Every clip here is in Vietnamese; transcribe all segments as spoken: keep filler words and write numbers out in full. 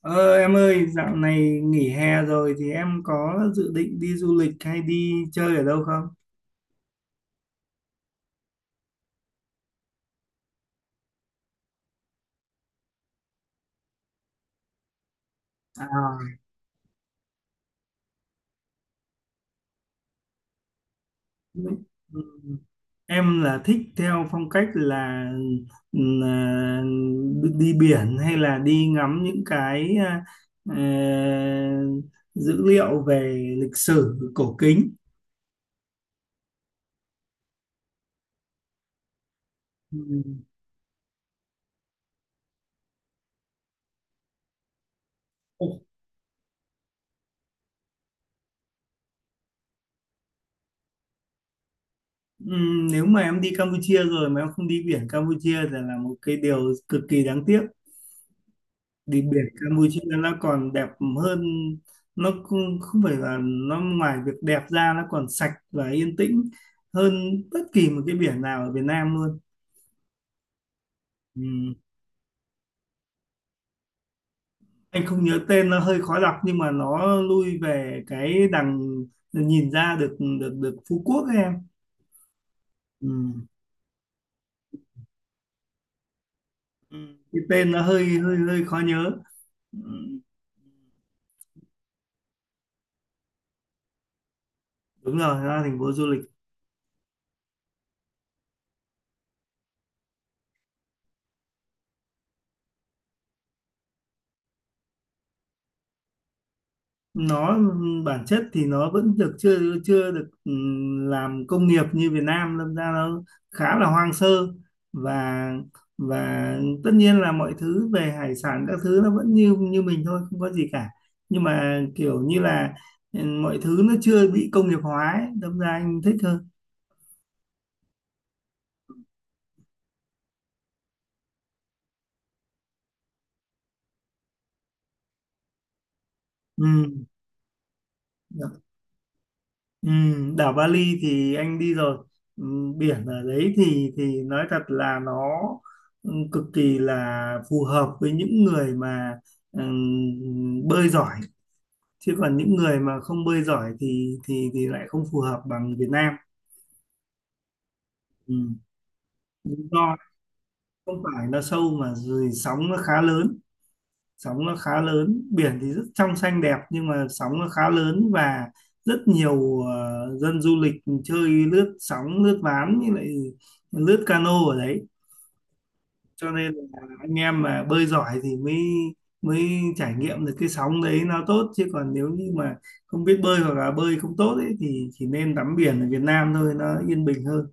Ờ, em ơi, dạo này nghỉ hè rồi thì em có dự định đi du lịch hay đi chơi ở đâu không? À, đúng. Ừ. Em là thích theo phong cách là ừ, là đi biển hay là đi ngắm những cái à, ờ, dữ liệu về lịch sử cổ kính. ừ, Ồ. Ừ, nếu mà em đi Campuchia rồi mà em không đi biển Campuchia thì là một cái điều cực kỳ đáng tiếc. Đi biển Campuchia nó còn đẹp hơn. Nó không không phải là, nó ngoài việc đẹp ra nó còn sạch và yên tĩnh hơn bất kỳ một cái biển nào ở Việt Nam luôn. Ừ. Anh không nhớ tên, nó hơi khó đọc, nhưng mà nó lui về cái đằng nhìn ra được được được Phú Quốc ấy em. Ừ. Ừ. Cái tên nó hơi hơi hơi khó nhớ. Ừ. Đúng rồi, nó là thành phố du lịch. Nó bản chất thì nó vẫn được chưa chưa được, ừ, làm công nghiệp như Việt Nam, đâm ra nó khá là hoang sơ. Và và tất nhiên là mọi thứ về hải sản các thứ nó vẫn như như mình thôi, không có gì cả. Nhưng mà kiểu như là, ừ, mọi thứ nó chưa bị công nghiệp hóa ấy, đâm ra anh thích hơn. Ừ. Ừ, đảo Bali thì anh đi rồi. Ừ, biển ở đấy thì thì nói thật là nó ừ, cực kỳ là phù hợp với những người mà ừm, bơi giỏi. Chứ còn những người mà không bơi giỏi thì thì thì lại không phù hợp bằng Việt Nam. Ừ. Lý do không phải nó sâu mà rồi sóng nó khá lớn. Sóng nó khá lớn, biển thì rất trong xanh đẹp, nhưng mà sóng nó khá lớn và rất nhiều ờ, dân du lịch chơi lướt sóng, lướt ván, như lại lướt cano ở đấy, cho nên là anh em mà bơi giỏi thì mới mới trải nghiệm được cái sóng đấy nó tốt. Chứ còn nếu như mà không biết bơi hoặc là bơi không tốt ấy, thì chỉ nên tắm biển ở Việt Nam thôi, nó yên bình hơn.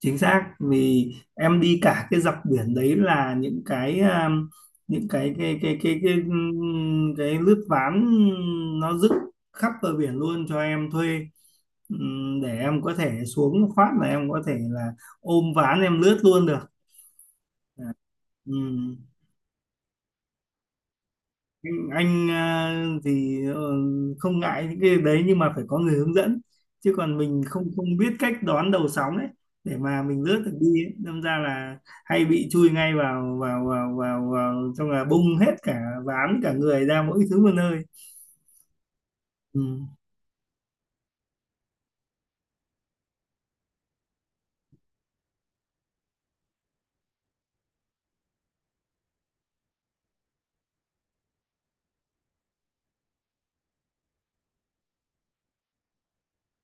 Chính xác, vì em đi cả cái dọc biển đấy là những cái, um, những cái cái cái cái cái ừm, cái lướt ván nó dựng khắp bờ biển luôn cho em thuê. Ừm, để em có thể xuống phát là em có thể là ôm ván em lướt luôn được. Anh anh, à, thì ờ, không ngại những cái đấy, nhưng mà phải có người hướng dẫn. Chứ còn mình không không biết cách đón đầu sóng ấy để mà mình lướt được đi ấy. Đâm ra là hay bị chui ngay vào vào vào vào, vào trong là bung hết cả ván cả người ra, mỗi thứ một nơi. Ừ.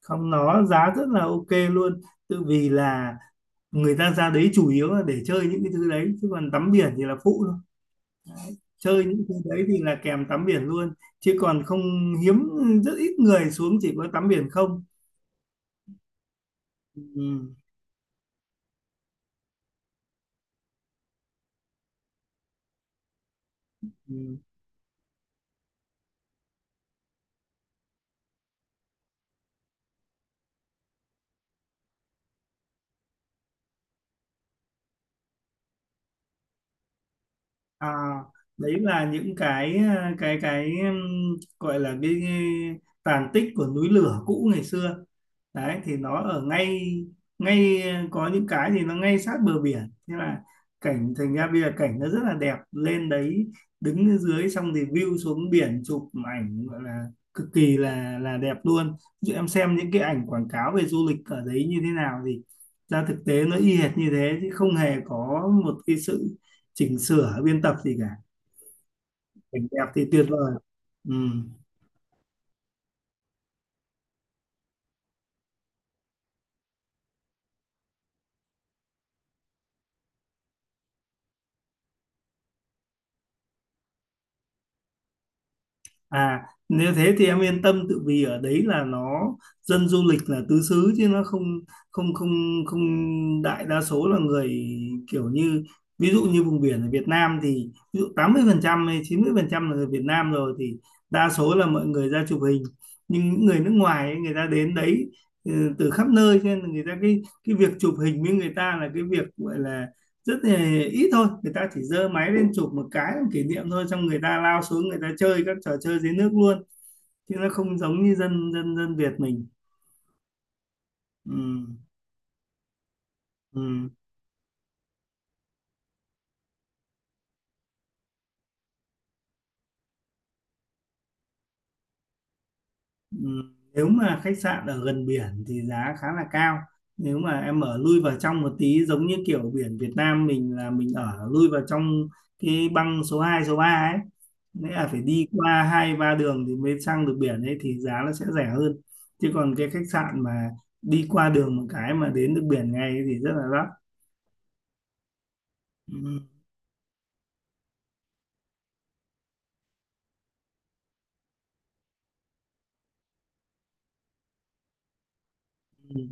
Không, nó giá rất là ok luôn, tự vì là người ta ra đấy chủ yếu là để chơi những cái thứ đấy, chứ còn tắm biển thì là phụ thôi. Chơi những thứ đấy thì là kèm tắm biển luôn, chứ còn không, hiếm, rất ít người xuống chỉ có tắm biển không. Ừ. Ừ. À, đấy là những cái cái cái um, gọi là cái tàn tích của núi lửa cũ ngày xưa đấy, thì nó ở ngay ngay ờ, có những cái thì nó ngay sát bờ biển, thế là cảnh, thành ra bây giờ cảnh nó rất là đẹp lên đấy. Đứng dưới xong thì view xuống biển chụp ảnh gọi là cực kỳ là là đẹp luôn. Ví dụ em xem những cái ảnh quảng cáo về du lịch ở đấy như thế nào thì ra thực tế nó y hệt như thế, chứ không hề có một cái sự chỉnh sửa biên tập gì cả. Cảnh đẹp thì tuyệt vời. Ừ. À, nếu thế thì em yên tâm, tự vì ở đấy là nó dân du lịch là tứ xứ, chứ nó không không không không đại đa số là người kiểu như ví dụ như vùng biển ở Việt Nam thì ví dụ tám mươi phần trăm hay chín mươi phần trăm là người Việt Nam rồi, thì đa số là mọi người ra chụp hình. Nhưng những người nước ngoài ấy, người ta đến đấy ừ, từ khắp nơi, cho nên là người ta cái cái việc chụp hình với người ta là cái việc gọi là rất là ít thôi. Người ta chỉ giơ máy lên chụp một cái làm kỷ niệm thôi, xong người ta lao xuống người ta chơi các trò chơi dưới nước luôn, chứ nó không giống như dân dân dân Việt mình. Ừ. Ừ. Ừm, Nếu mà khách sạn ở gần biển thì giá khá là cao. Nếu mà em ở lui vào trong một tí, giống như kiểu biển Việt Nam mình là mình ở lui vào trong cái băng số hai số ba ấy. Nghĩa là phải đi qua hai ba đường thì mới sang được biển ấy thì giá nó sẽ rẻ hơn. Chứ còn cái khách sạn mà đi qua đường một cái mà đến được biển ngay ấy thì rất là đắt. Ừm.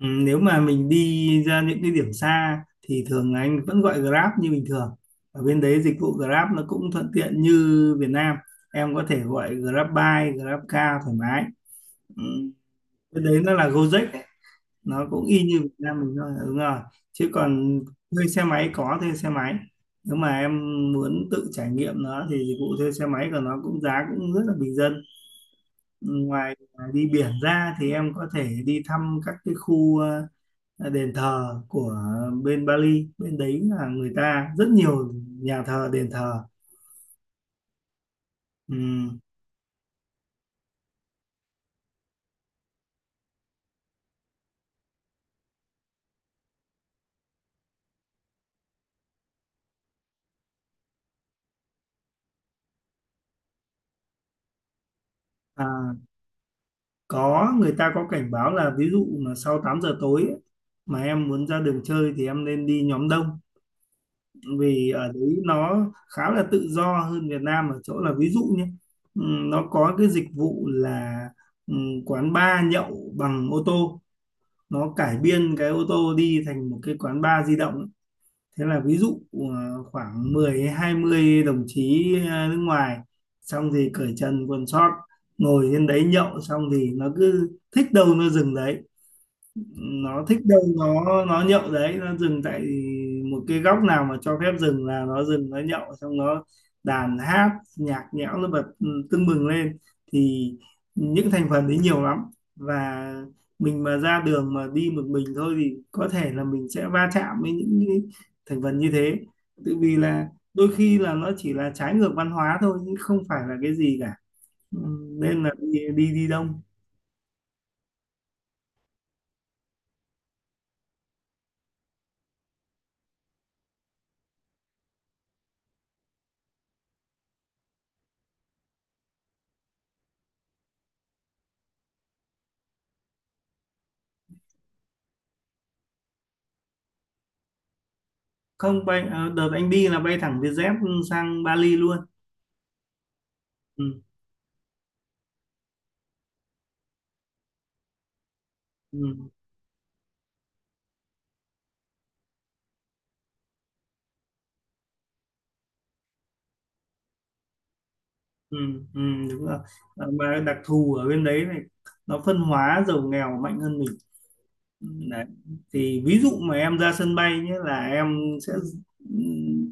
Ừ, nếu mà mình đi ra những cái điểm xa thì thường là anh vẫn gọi Grab như bình thường. Ở bên đấy dịch vụ Grab nó cũng thuận tiện như Việt Nam, em có thể gọi Grab Bike, Grab Car thoải mái. Ừ. Cái đấy nó là Gojek ấy. Nó cũng y như Việt Nam mình thôi, đúng rồi. Chứ còn thuê xe máy, có thuê xe máy, nếu mà em muốn tự trải nghiệm nó thì dịch vụ thuê xe máy của nó cũng, giá cũng rất là bình dân. Ngoài đi biển ra thì em có thể đi thăm các cái khu ờ, đền thờ của bên Bali, bên đấy là người ta rất nhiều nhà thờ đền thờ. Ừm, À, có, người ta có cảnh báo là ví dụ mà sau tám giờ tối ấy, mà em muốn ra đường chơi thì em nên đi nhóm đông. Vì ở đấy nó khá là tự do hơn Việt Nam ở chỗ là ví dụ nhé, ừm, nó có cái dịch vụ là, ừm, quán bar nhậu bằng ô tô. Nó cải biên cái ô tô đi thành một cái quán bar di động. Thế là ví dụ ờ, khoảng mười hay hai mươi đồng chí ờ, nước ngoài, xong thì cởi trần quần sót ngồi trên đấy nhậu, xong thì nó cứ thích đâu nó dừng đấy, nó thích đâu nó nó nhậu đấy nó dừng tại một cái góc nào mà cho phép dừng là nó dừng, nó nhậu xong nó đàn hát, nhạc nhẽo nó bật ừ, tưng bừng lên. Thì những thành phần đấy nhiều lắm, và mình mà ra đường mà đi một mình thôi thì có thể là mình sẽ va chạm với những cái thành phần như thế, tự vì là đôi khi là nó chỉ là trái ngược văn hóa thôi chứ không phải là cái gì cả. Ừ, nên là đi đi, đi đông. Không, bay ờ, đợt anh đi là bay thẳng Vietjet sang Bali luôn. Ừ, ừ, ừ, ừ, đúng rồi. Ờ, mà đặc thù ở bên đấy này, nó phân hóa giàu nghèo mạnh hơn mình. Ừ, đấy. Thì ví dụ mà em ra sân bay nhé là em sẽ ừ,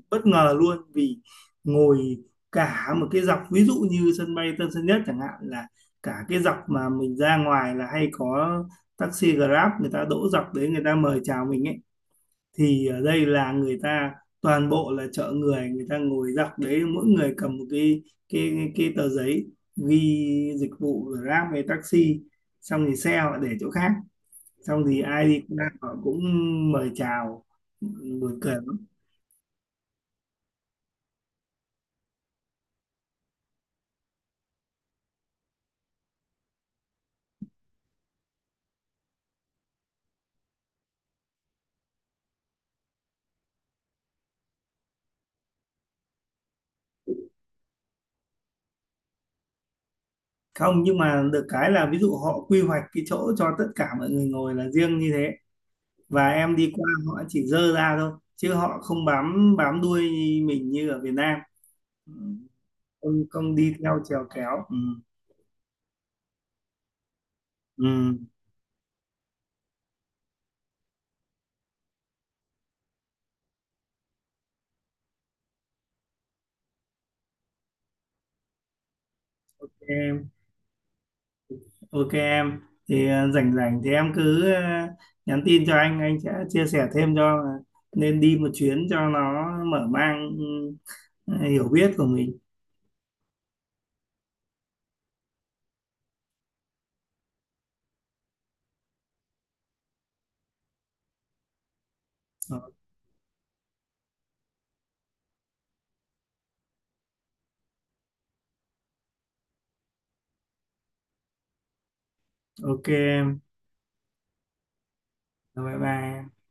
bất ngờ luôn, vì ngồi cả một cái dọc ví dụ như sân bay Tân Sơn Nhất chẳng hạn, là cả cái dọc mà mình ra ngoài là hay có taxi Grab người ta đỗ dọc đấy người ta mời chào mình ấy. Thì ở đây là người ta toàn bộ là chợ người, người ta ngồi dọc đấy mỗi người cầm một cái cái cái tờ giấy ghi dịch vụ Grab hay taxi, xong thì xe họ để chỗ khác, xong thì ai đi qua họ cũng mời chào, buồn cười lắm. Không, nhưng mà được cái là ví dụ họ quy hoạch cái chỗ cho tất cả mọi người ngồi là riêng như thế, và em đi qua họ chỉ dơ ra thôi chứ họ không bám bám đuôi mình như ở Việt Nam. Ừ, không không đi theo trèo kéo. Ừ. Ừ, em ok em thì ờ, rảnh rảnh thì em cứ ờ, nhắn tin cho anh anh sẽ chia sẻ thêm cho là nên đi một chuyến cho nó mở mang ừ, hiểu biết của mình. Ờ, ok em. Rồi, bye bye em.